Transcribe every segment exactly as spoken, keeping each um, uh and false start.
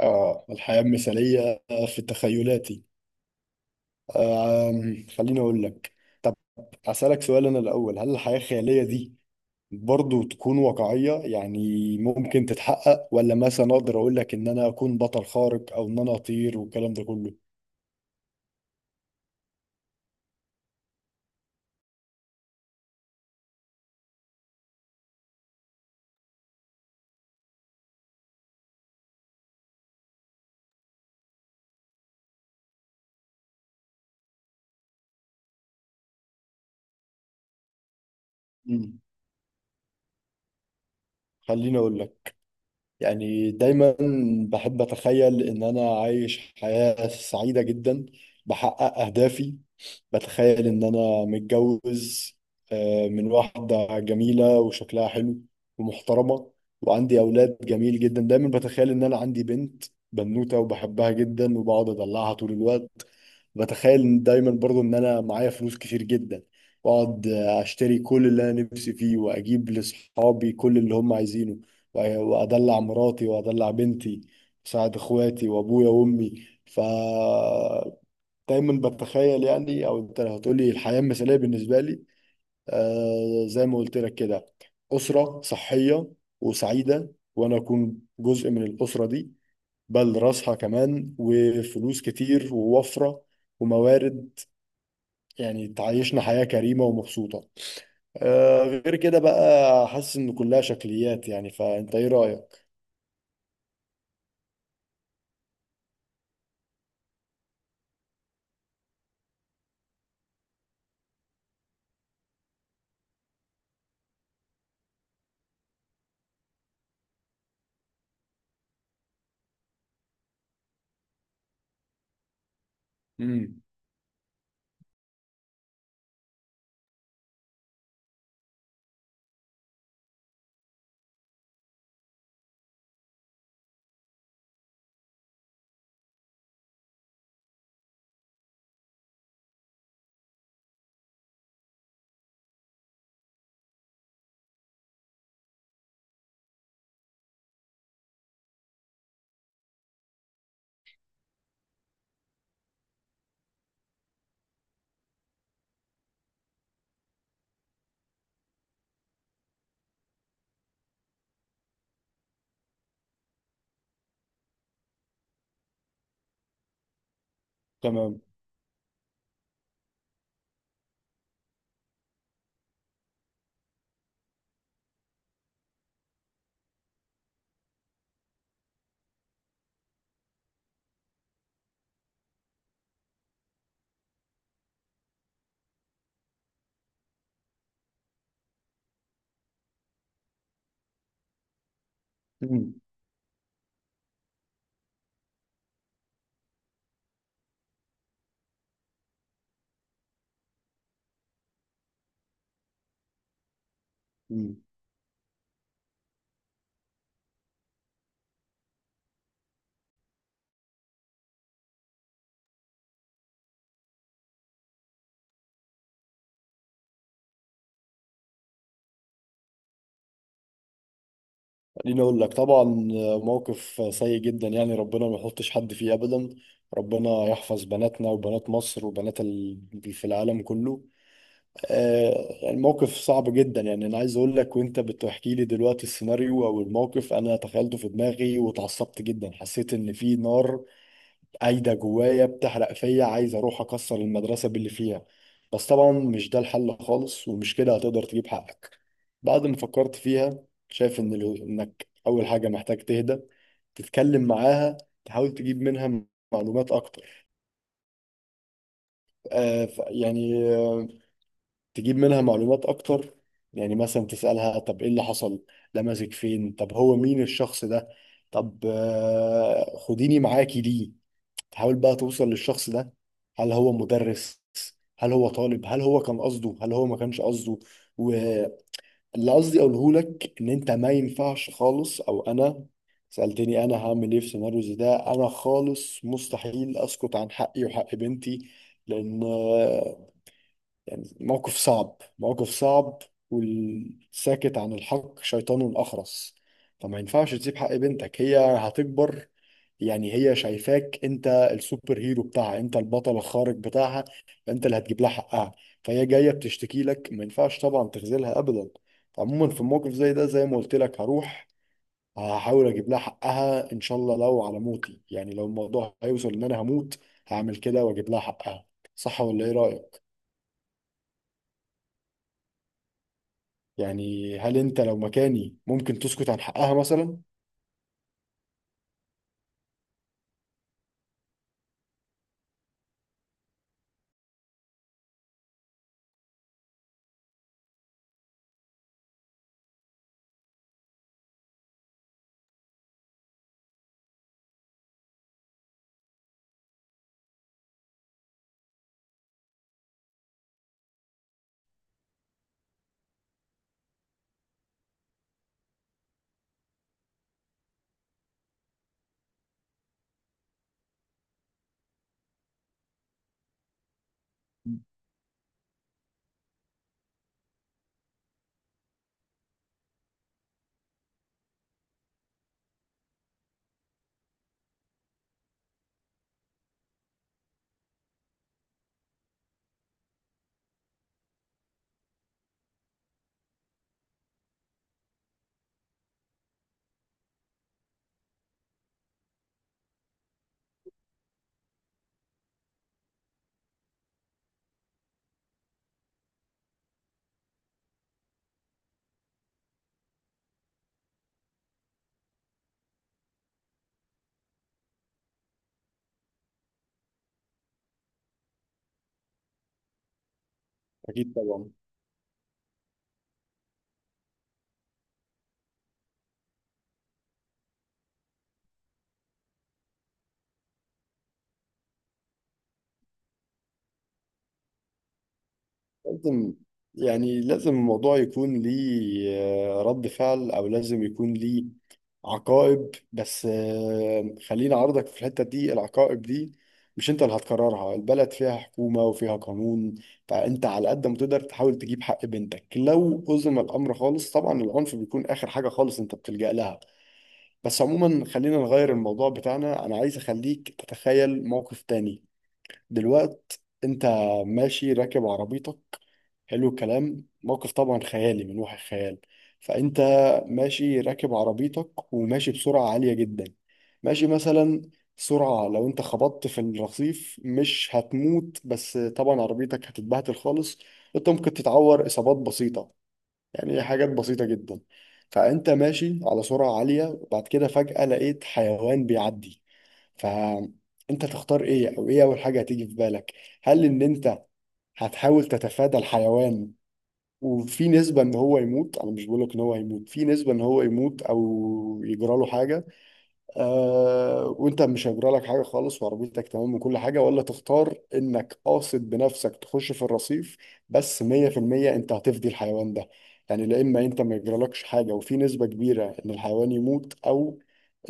اه، الحياة المثالية في تخيلاتي. آم، خليني أقول لك. طب أسألك سؤال أنا الأول، هل الحياة الخيالية دي برضو تكون واقعية؟ يعني ممكن تتحقق، ولا مثلا أقدر أقول لك إن أنا أكون بطل خارق أو إن أنا أطير والكلام ده كله؟ مم. خليني أقول لك، يعني دايما بحب أتخيل إن أنا عايش حياة سعيدة جدا، بحقق أهدافي. بتخيل إن أنا متجوز آه، من واحدة جميلة وشكلها حلو ومحترمة، وعندي أولاد جميل جدا. دايما بتخيل إن أنا عندي بنت، بنوتة، وبحبها جدا وبقعد أدلعها طول الوقت. بتخيل إن دايما برضو ان انا معايا فلوس كتير جدا، واقعد اشتري كل اللي انا نفسي فيه واجيب لاصحابي كل اللي هم عايزينه، وأ- وادلع مراتي وادلع بنتي واساعد اخواتي وابويا وامي. ف دايما بتخيل، يعني او انت لو هتقولي الحياة المثالية بالنسبة لي، آه زي ما قلت لك كده، أسرة صحية وسعيدة وانا اكون جزء من الأسرة دي، بل راسها كمان، وفلوس كتير ووفرة وموارد، يعني تعيشنا حياة كريمة ومبسوطة. آه غير كده بقى حاسس ان كلها شكليات. يعني فانت ايه رأيك؟ امم. تمام. امم. امم. خليني اقول لك، طبعا موقف سيء جدا، يعني ربنا ما يحطش حد فيه ابدا، ربنا يحفظ بناتنا وبنات مصر وبنات ال- في العالم كله. آه الموقف صعب جدا، يعني انا عايز اقول لك، وانت بتحكي لي دلوقتي السيناريو او الموقف، انا تخيلته في دماغي واتعصبت جدا، حسيت ان في نار قايدة جوايا بتحرق فيا، عايز أروح أكسر المدرسة باللي فيها. بس طبعا مش ده الحل خالص، ومش كده هتقدر تجيب حقك. بعد ما فكرت فيها شايف إن الو... إنك أول حاجة محتاج تهدى، تتكلم معاها، تحاول تجيب منها معلومات أكتر. آه ف- يعني آه، تجيب منها معلومات أكتر، يعني مثلا تسألها طب إيه اللي حصل، لمسك فين، طب هو مين الشخص ده، طب آه، خديني معاكي ليه. تحاول بقى توصل للشخص ده، هل هو مدرس، هل هو طالب، هل هو كان قصده هل هو ما كانش قصده. واللي قصدي اقوله لك ان انت ما ينفعش خالص، او انا سألتني انا هعمل ايه في سيناريو زي ده، انا خالص مستحيل اسكت عن حقي وحق بنتي، لان يعني موقف صعب، موقف صعب، والساكت عن الحق شيطان أخرس. فما ينفعش تسيب حق بنتك، هي هتكبر، يعني هي شايفاك انت السوبر هيرو بتاعها، انت البطل الخارق بتاعها، انت اللي هتجيب لها حقها، فهي جاية بتشتكي لك ما ينفعش طبعا تخذلها ابدا. عموما في موقف زي ده زي ما قلت لك، هروح هحاول اجيب لها حقها ان شاء الله، لو على موتي، يعني لو الموضوع هيوصل ان انا هموت هعمل كده واجيب لها حقها. صح ولا ايه رأيك؟ يعني هل انت لو مكاني ممكن تسكت عن حقها مثلا؟ اكيد طبعا. لازم يعني لازم الموضوع يكون ليه آه، رد فعل، او لازم يكون ليه عقائب. بس آه، خليني اعرضك في الحتة دي، العقائب دي مش انت اللي هتقررها، البلد فيها حكومة وفيها قانون، فانت على قد ما تقدر تحاول تجيب حق بنتك، لو أزم الامر خالص طبعا العنف بيكون اخر حاجة خالص انت بتلجأ لها. بس عموما خلينا نغير الموضوع بتاعنا، انا عايز اخليك تتخيل موقف تاني. دلوقت انت ماشي راكب عربيتك، حلو الكلام، موقف طبعا خيالي من وحي الخيال. فانت ماشي راكب عربيتك وماشي بسرعة عالية جدا، ماشي مثلا سرعة لو انت خبطت في الرصيف مش هتموت، بس طبعا عربيتك هتتبهدل خالص، انت ممكن تتعور اصابات بسيطة، يعني هي حاجات بسيطة جدا. فأنت ماشي على سرعة عالية، وبعد كده فجأة لقيت حيوان بيعدي، فأنت تختار إيه، أو إيه أول حاجة هتيجي في بالك؟ هل إن أنت هتحاول تتفادى الحيوان وفي نسبة إن هو يموت، أنا مش بقولك إن هو هيموت، في نسبة إن هو يموت أو يجرى له حاجة آه وانت مش هيجرى لك حاجه خالص وعربيتك تمام وكل حاجه، ولا تختار انك قاصد بنفسك تخش في الرصيف، بس مية بالمية انت هتفدي الحيوان ده؟ يعني لا اما انت ما يجرالكش حاجه وفي نسبه كبيره ان الحيوان يموت، او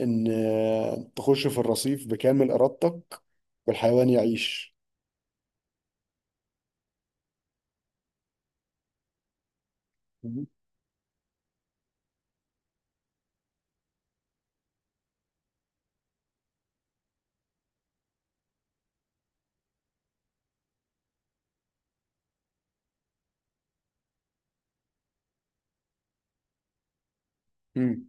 ان آه، تخش في الرصيف بكامل ارادتك والحيوان يعيش. مم.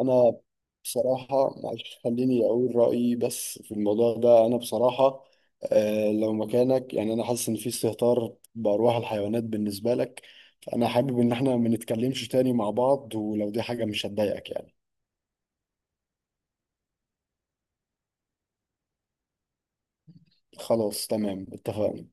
أنا بصراحة معلش خليني أقول رأيي بس في الموضوع ده. أنا بصراحة آه لو مكانك، يعني أنا حاسس إن في استهتار بأرواح الحيوانات بالنسبة لك، فأنا حابب إن إحنا ما نتكلمش تاني مع بعض، ولو دي حاجة مش هتضايقك يعني. خلاص تمام اتفقنا.